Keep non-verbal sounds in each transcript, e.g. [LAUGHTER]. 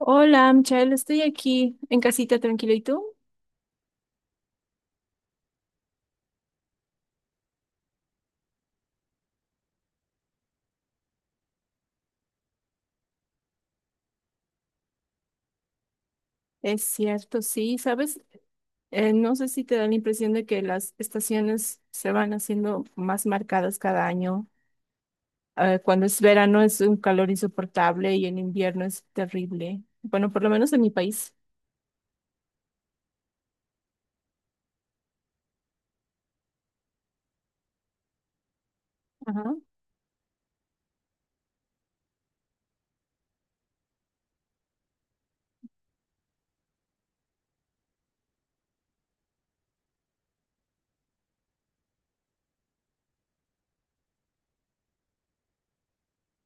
Hola, Michelle, estoy aquí en casita tranquila. ¿Y tú? Es cierto, sí, ¿sabes? No sé si te da la impresión de que las estaciones se van haciendo más marcadas cada año. Cuando es verano es un calor insoportable y en invierno es terrible. Bueno, por lo menos en mi país. Ajá.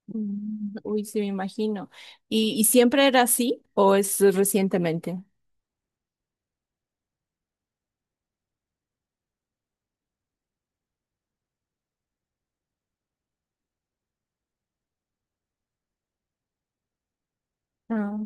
Mm, uy, sí, me imagino. ¿Y siempre era así o es recientemente? Ah.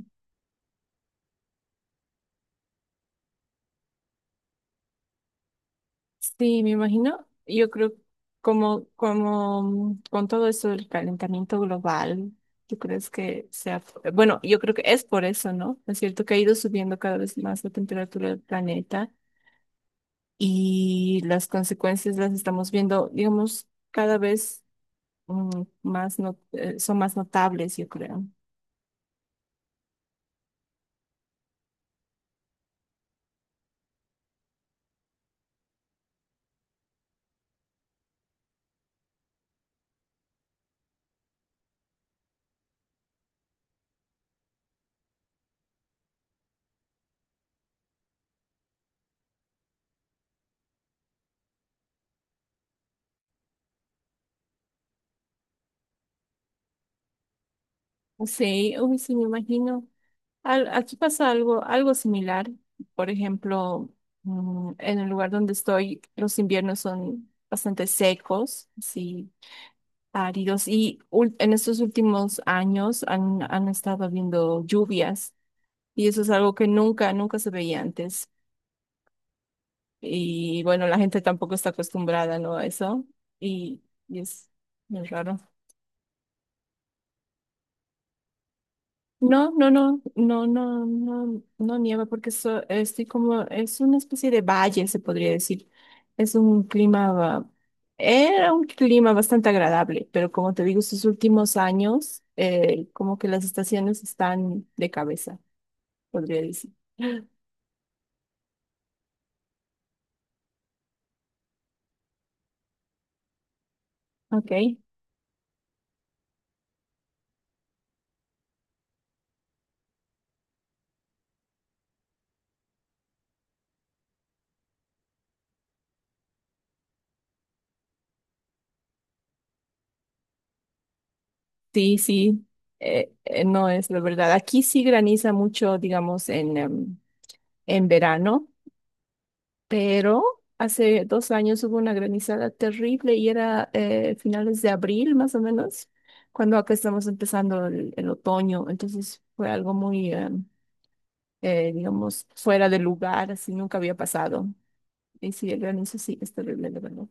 Sí, me imagino. Yo creo como con todo eso del calentamiento global, ¿tú crees que sea? Bueno, yo creo que es por eso, ¿no? Es cierto que ha ido subiendo cada vez más la temperatura del planeta y las consecuencias las estamos viendo, digamos, cada vez más son más notables, yo creo. Sí, uy, sí, me imagino. Aquí pasa algo similar. Por ejemplo, en el lugar donde estoy, los inviernos son bastante secos, sí, áridos, y en estos últimos años han estado habiendo lluvias, y eso es algo que nunca, nunca se veía antes. Y bueno, la gente tampoco está acostumbrada, ¿no?, a eso, y, y es muy raro. No, no, no, no, no, no, no nieva porque estoy como, es una especie de valle, se podría decir. Es un clima, ba- Era un clima bastante agradable, pero como te digo, estos últimos años, como que las estaciones están de cabeza, podría decir. Ok, sí, sí, no es la verdad. Aquí sí graniza mucho, digamos, en verano. Pero hace 2 años hubo una granizada terrible y era finales de abril más o menos, cuando acá estamos empezando el otoño. Entonces fue algo muy, digamos, fuera de lugar, así nunca había pasado. Y sí, el granizo sí es terrible, de verdad.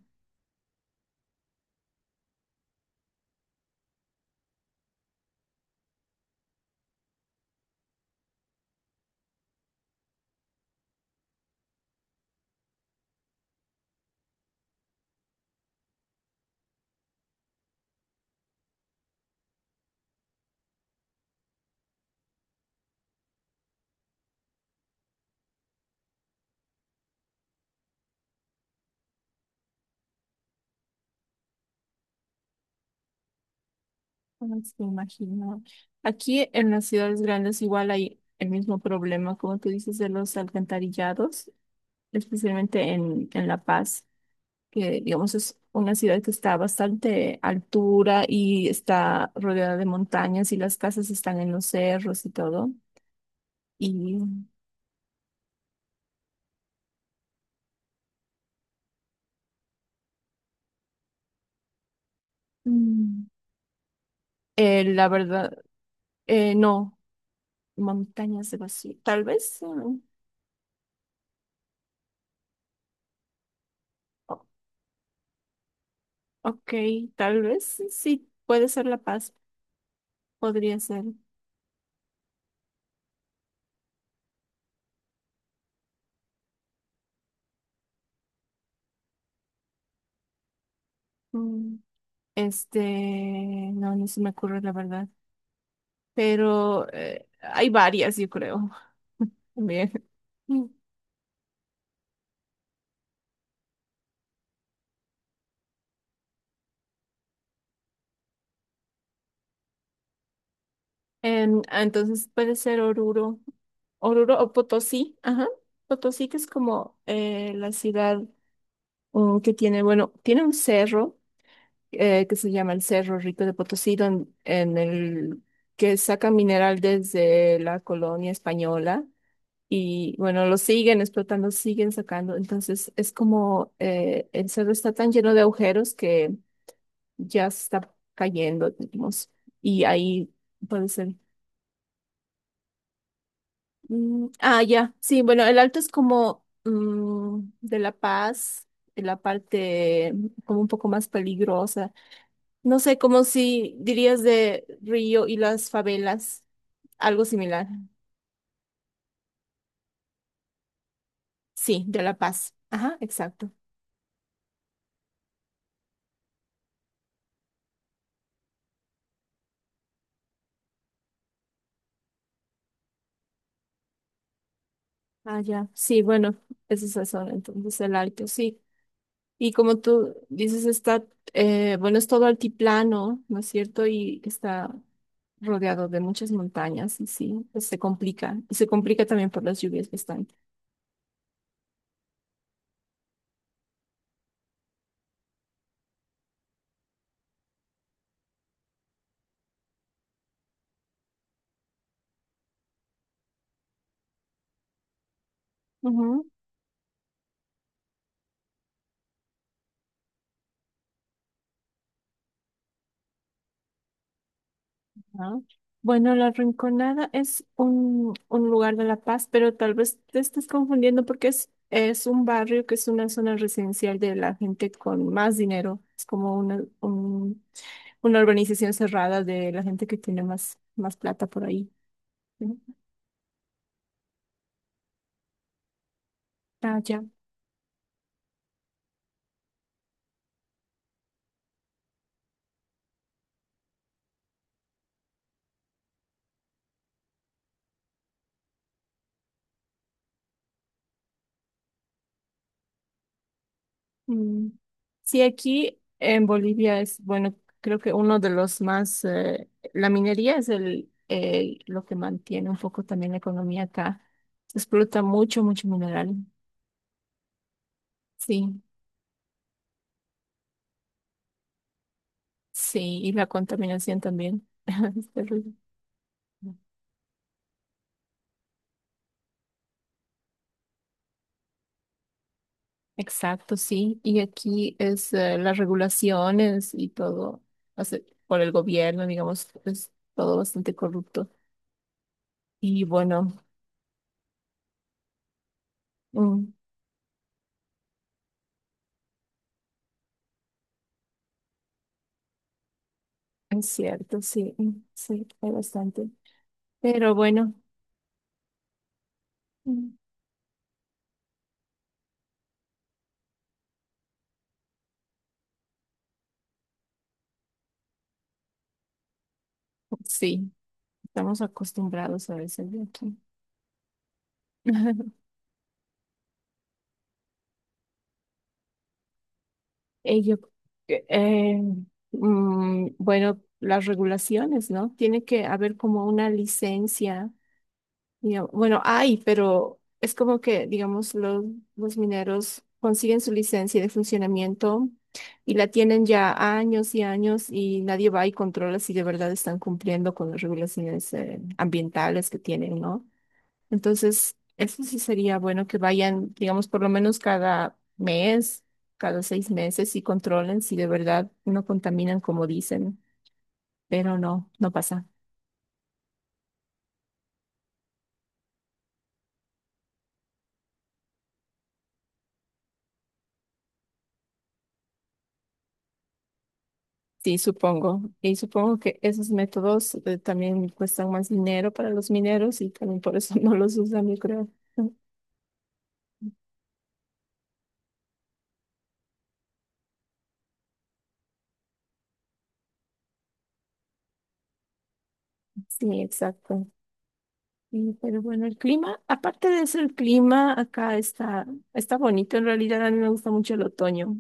No me imagino. Aquí en las ciudades grandes igual hay el mismo problema, como tú dices, de los alcantarillados, especialmente en La Paz, que digamos es una ciudad que está a bastante altura y está rodeada de montañas y las casas están en los cerros y todo. Y mm, la verdad, no, montañas de vacío, tal vez, o- ok, tal vez sí, puede ser La Paz, podría ser. mm, Este, no, no se me ocurre la verdad. Pero hay varias, yo creo. [LAUGHS] Bien. Entonces puede ser Oruro, Oruro o Potosí, ajá. Potosí que es como la ciudad que tiene, bueno, tiene un cerro que se llama el Cerro Rico de Potosí, en el que saca mineral desde la colonia española y bueno, lo siguen explotando, siguen sacando. Entonces es como el cerro está tan lleno de agujeros que ya se está cayendo, digamos, y ahí puede ser. Ah, ya, sí, bueno, el alto es como de La Paz, de la parte como un poco más peligrosa. No sé, como si dirías de Río y las favelas, algo similar. Sí, de La Paz. Ajá, exacto. Ah, ya. Sí, bueno, esa es la zona, entonces el alto, sí. Y como tú dices, bueno, es todo altiplano, ¿no es cierto? Y está rodeado de muchas montañas y sí, pues se complica. Y se complica también por las lluvias bastante. Ujú. Ah, bueno, La Rinconada es un lugar de La Paz, pero tal vez te estés confundiendo porque es un barrio que es una zona residencial de la gente con más dinero. Es como una urbanización cerrada de la gente que tiene más plata por ahí. Ujú. Ah, ya. Mm. Sí, aquí en Bolivia bueno, creo que uno de los más, la minería es lo que mantiene un poco también la economía acá. Se explota mucho, mucho mineral. Sí, sí, y la contaminación también. [LAUGHS] Es terrible. Exacto, sí. Y aquí es las regulaciones y todo, o sea, por el gobierno, digamos, es todo bastante corrupto. Y bueno, mm, es cierto, sí, sí, hay bastante. Pero bueno, mm, sí, estamos acostumbrados a veces de aquí. [LAUGHS] Ello, que, bueno, las regulaciones, ¿no? Tiene que haber como una licencia. Digamos, bueno, hay, pero es como que, digamos, los, mineros consiguen su licencia de funcionamiento y la tienen ya años y años y nadie va y controla si de verdad están cumpliendo con las regulaciones ambientales que tienen, ¿no? Entonces, eso sí sería bueno que vayan, digamos, por lo menos cada mes, cada 6 meses y controlen si de verdad no contaminan como dicen, pero no, no pasa. Sí, supongo. Y supongo que esos métodos también cuestan más dinero para los mineros y también por eso [LAUGHS] no los usan, yo creo. [LAUGHS] Sí, exacto. Y, pero bueno, el clima, aparte de eso, el clima acá está bonito. En realidad a mí me gusta mucho el otoño.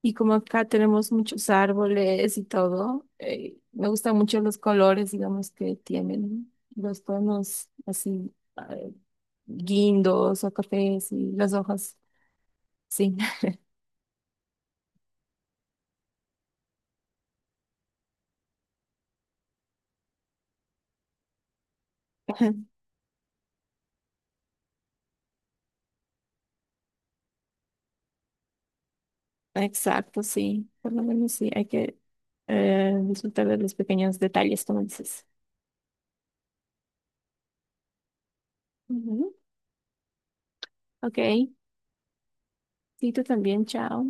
Y como acá tenemos muchos árboles y todo, me gustan mucho los colores, digamos, que tienen los tonos así, eh, guindos o cafés y las hojas. Sí. [LAUGHS] Exacto, sí. Por lo menos sí, hay que disfrutar de los pequeños detalles, como dices. Ujú. Ok, sí, tú también, chao.